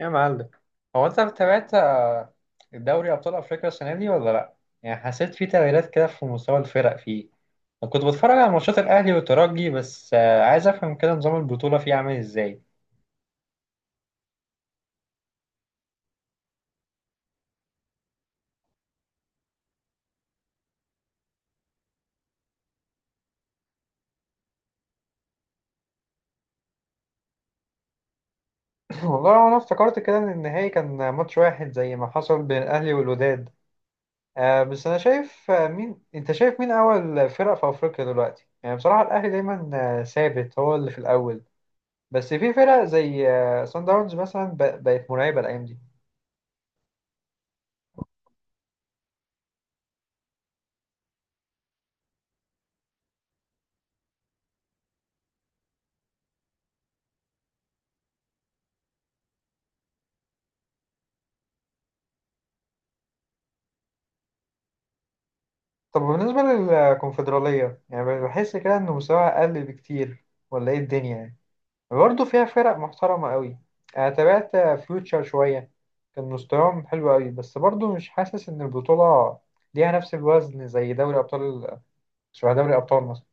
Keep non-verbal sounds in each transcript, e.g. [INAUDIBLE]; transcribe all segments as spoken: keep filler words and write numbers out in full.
يا معلم، هو انت تابعت آه، الدوري ابطال افريقيا السنه دي ولا لا؟ يعني حسيت في تغييرات كده في مستوى الفرق فيه؟ انا كنت بتفرج على ماتشات الاهلي والترجي بس، آه، عايز افهم كده نظام البطوله فيه عامل ازاي. [LAUGHS] [CLEARS THROAT] والله انا افتكرت كده ان النهائي كان ماتش واحد زي ما حصل بين الاهلي والوداد. آه بس انا شايف، آه، مين انت شايف مين اول فرق في افريقيا دلوقتي؟ يعني بصراحه الاهلي دايما، آه، ثابت هو اللي في الاول. بس في فرق زي آه، سان داونز مثلا ب- بقت مرعبه الايام دي. طب بالنسبة للكونفدرالية، يعني بحس كده إنه مستواها أقل بكتير، ولا إيه الدنيا؟ يعني برضه فيها فرق محترمة أوي. أنا تابعت فيوتشر شوية، كان مستواهم حلو أوي، بس برضه مش حاسس إن البطولة ليها نفس الوزن زي دوري أبطال، شبه دوري أبطال مصر.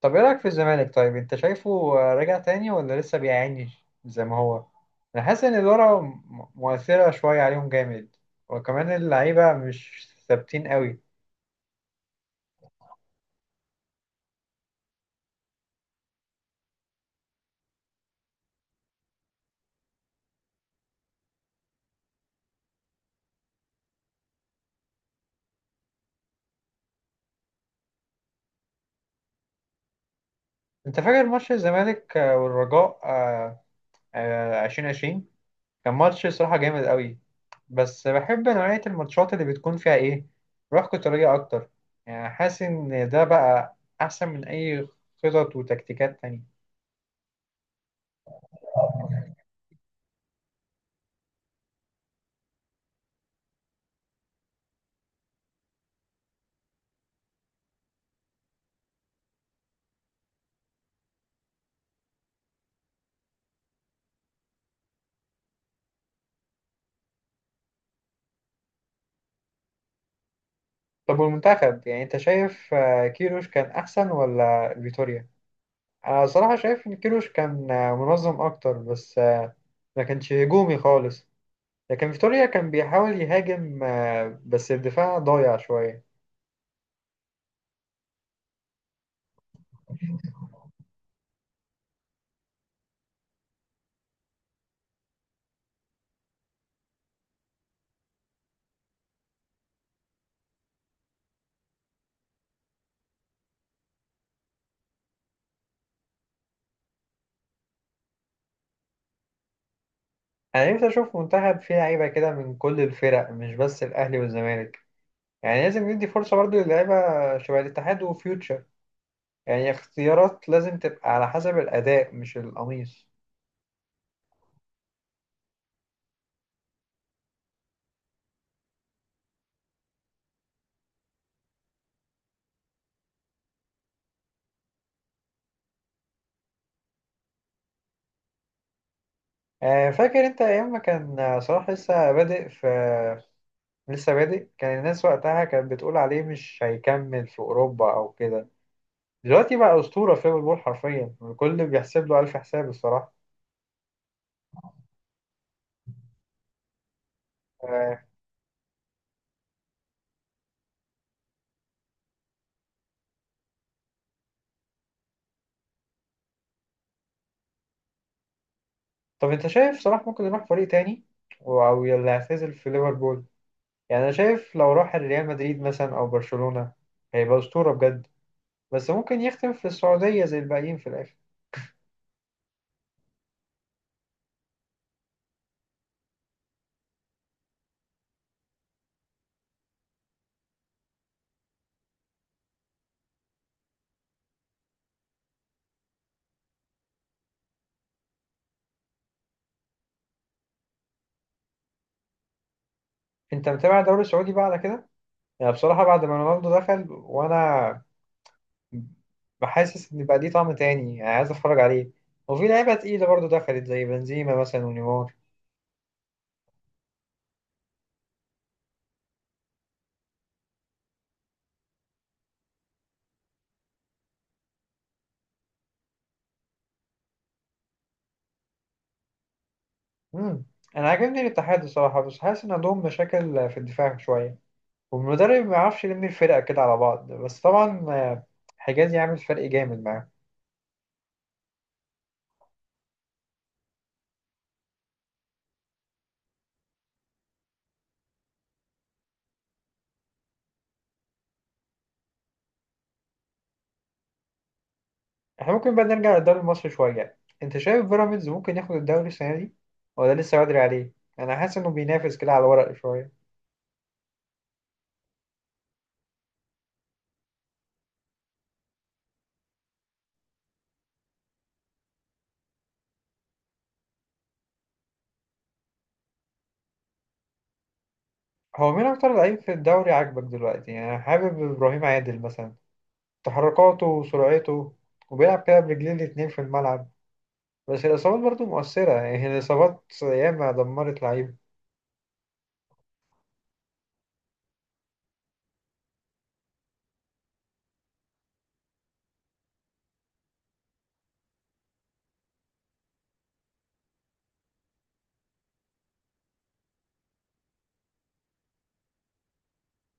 طب إيه رأيك في الزمالك؟ طيب أنت شايفه رجع تاني ولا لسه بيعاني زي ما هو؟ أنا حاسس إن الإدارة م- مؤثرة شوية عليهم جامد، وكمان اللعيبة مش ثابتين أوي. انت فاكر ماتش الزمالك آه، والرجاء آه، آه، ألفين وعشرين؟ كان ماتش صراحة جامد قوي. بس بحب نوعية الماتشات اللي بتكون فيها ايه؟ روح قتالية اكتر. يعني حاسس ان ده بقى احسن من اي خطط وتكتيكات تانية. طب والمنتخب، يعني انت شايف آه، كيروش كان احسن ولا فيتوريا؟ انا صراحة شايف ان كيروش كان آه، منظم اكتر، بس آه، ما كانش هجومي خالص. لكن فيتوريا كان بيحاول يهاجم، آه، بس الدفاع ضايع شوية. انا نفسي اشوف منتخب فيه لعيبه كده من كل الفرق، مش بس الاهلي والزمالك. يعني لازم ندي فرصه برضو للعيبه شبه الاتحاد وفيوتشر. يعني اختيارات لازم تبقى على حسب الاداء مش القميص. آه، فاكر انت ايام ما كان آه، صلاح لسه بادئ في [SNIFFS] لسه بادئ كان الناس وقتها كانت بتقول عليه مش هيكمل في اوروبا او كده؟ دلوقتي بقى اسطوره في ليفربول، حرفيا الكل بيحسب له الف حساب الصراحه. آه، طب انت شايف صلاح ممكن يروح فريق تاني او يلا يعتزل في ليفربول؟ يعني انا شايف لو راح ريال مدريد مثلا او برشلونة هيبقى اسطورة بجد. بس ممكن يختم في السعودية زي الباقيين في الاخر. انت متابع الدوري السعودي بقى على كده؟ يعني بصراحة بعد ما رونالدو دخل، وانا بحاسس ان بقى ليه طعم تاني، يعني عايز اتفرج عليه. وفي لعيبة تقيلة برضو دخلت زي بنزيما مثلا ونيمار. امم، انا عاجبني الاتحاد الصراحة، بس حاسس ان عندهم مشاكل في الدفاع شوية، والمدرب ما يعرفش يلم الفرقة كده على بعض. بس طبعا، آه، حجازي عامل فرق جامد معاهم. احنا ممكن بقى نرجع للدوري المصري شوية؟ انت شايف بيراميدز ممكن ياخد الدوري السنة دي ولا لسه بدري عليه؟ انا حاسس انه بينافس كده على الورق شوية. هو مين اكتر لعيب في الدوري عاجبك دلوقتي؟ يعني انا حابب ابراهيم عادل مثلا، تحركاته وسرعته، وبيلعب كده برجلين الاتنين في الملعب. بس الاصابات برضه مؤثرة، يعني الاصابات ياما دمرت لعيبه.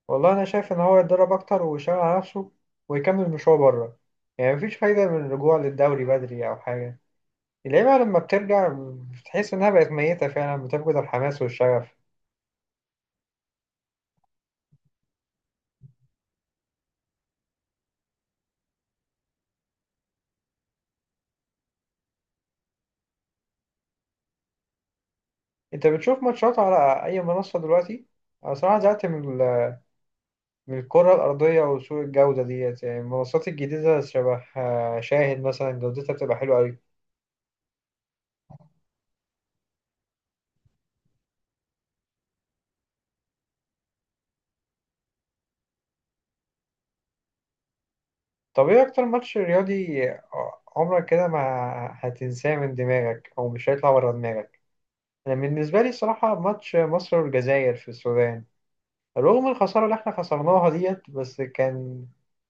والله انا شايف ان هو يتدرب اكتر ويشتغل على نفسه ويكمل مشواره بره. يعني مفيش فايدة من الرجوع للدوري بدري او حاجة. اللعيبة لما بترجع بتحس إنها بقت ميتة فعلا، بتفقد الحماس والشغف. أنت بتشوف ماتشات على أي منصة دلوقتي؟ أنا صراحة زهقت من ال- من الكرة الأرضية وسوء الجودة ديت. يعني المنصات الجديدة شبه آه، شاهد مثلا، جودتها بتبقى حلوة أوي. طب إيه أكتر ماتش رياضي عمرك كده ما هتنساه من دماغك، أو مش هيطلع ورا دماغك؟ أنا بالنسبة لي الصراحة ماتش مصر والجزائر في السودان، رغم الخسارة اللي احنا خسرناها ديت، بس كان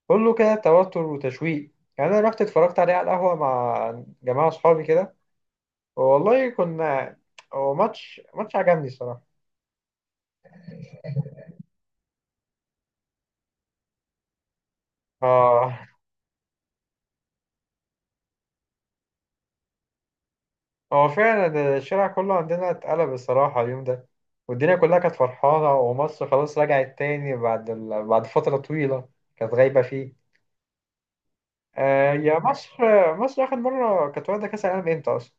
كله كده توتر وتشويق. يعني انا رحت اتفرجت عليه على القهوة مع جماعة اصحابي كده، والله كنا، هو ماتش ماتش عجبني الصراحة. اه، هو فعلا الشارع كله عندنا اتقلب الصراحة اليوم ده، والدنيا كلها كانت فرحانة، ومصر خلاص رجعت تاني بعد ال... بعد فترة طويلة كانت غايبة فيه. آه يا مصر. مصر آخر مرة كانت واخدة كأس العالم امتى أصلا؟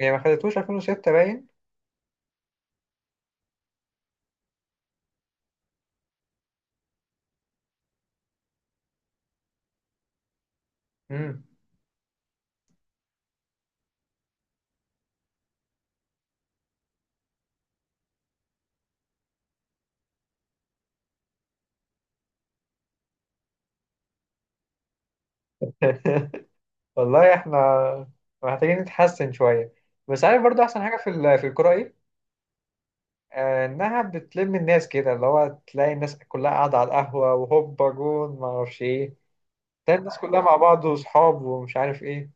هي ما خدتوش ألفين وستة باين؟ مم. [LAUGHS] والله احنا محتاجين نتحسن شوية. بس عارف برضو أحسن حاجة في ال- في الكورة إيه؟ آه، إنها بتلم الناس كده، اللي هو تلاقي الناس كلها قاعدة على القهوة وهوبا جون ما أعرفش إيه. تلاقي الناس كلها مع بعض وصحاب ومش عارف إيه.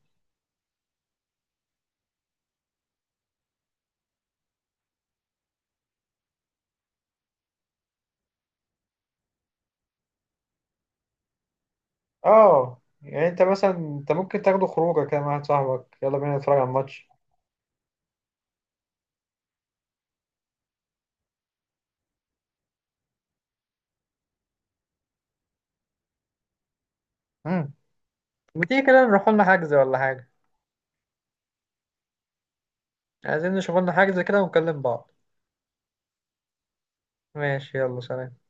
آه يعني أنت مثلا، أنت ممكن تاخده خروجة كده مع واحد صاحبك: يلا بينا نتفرج على الماتش. مم. ما تيجي كده نروح لنا حجز ولا حاجة؟ عايزين نشوف لنا حجز كده ونكلم بعض. ماشي يلا سلام.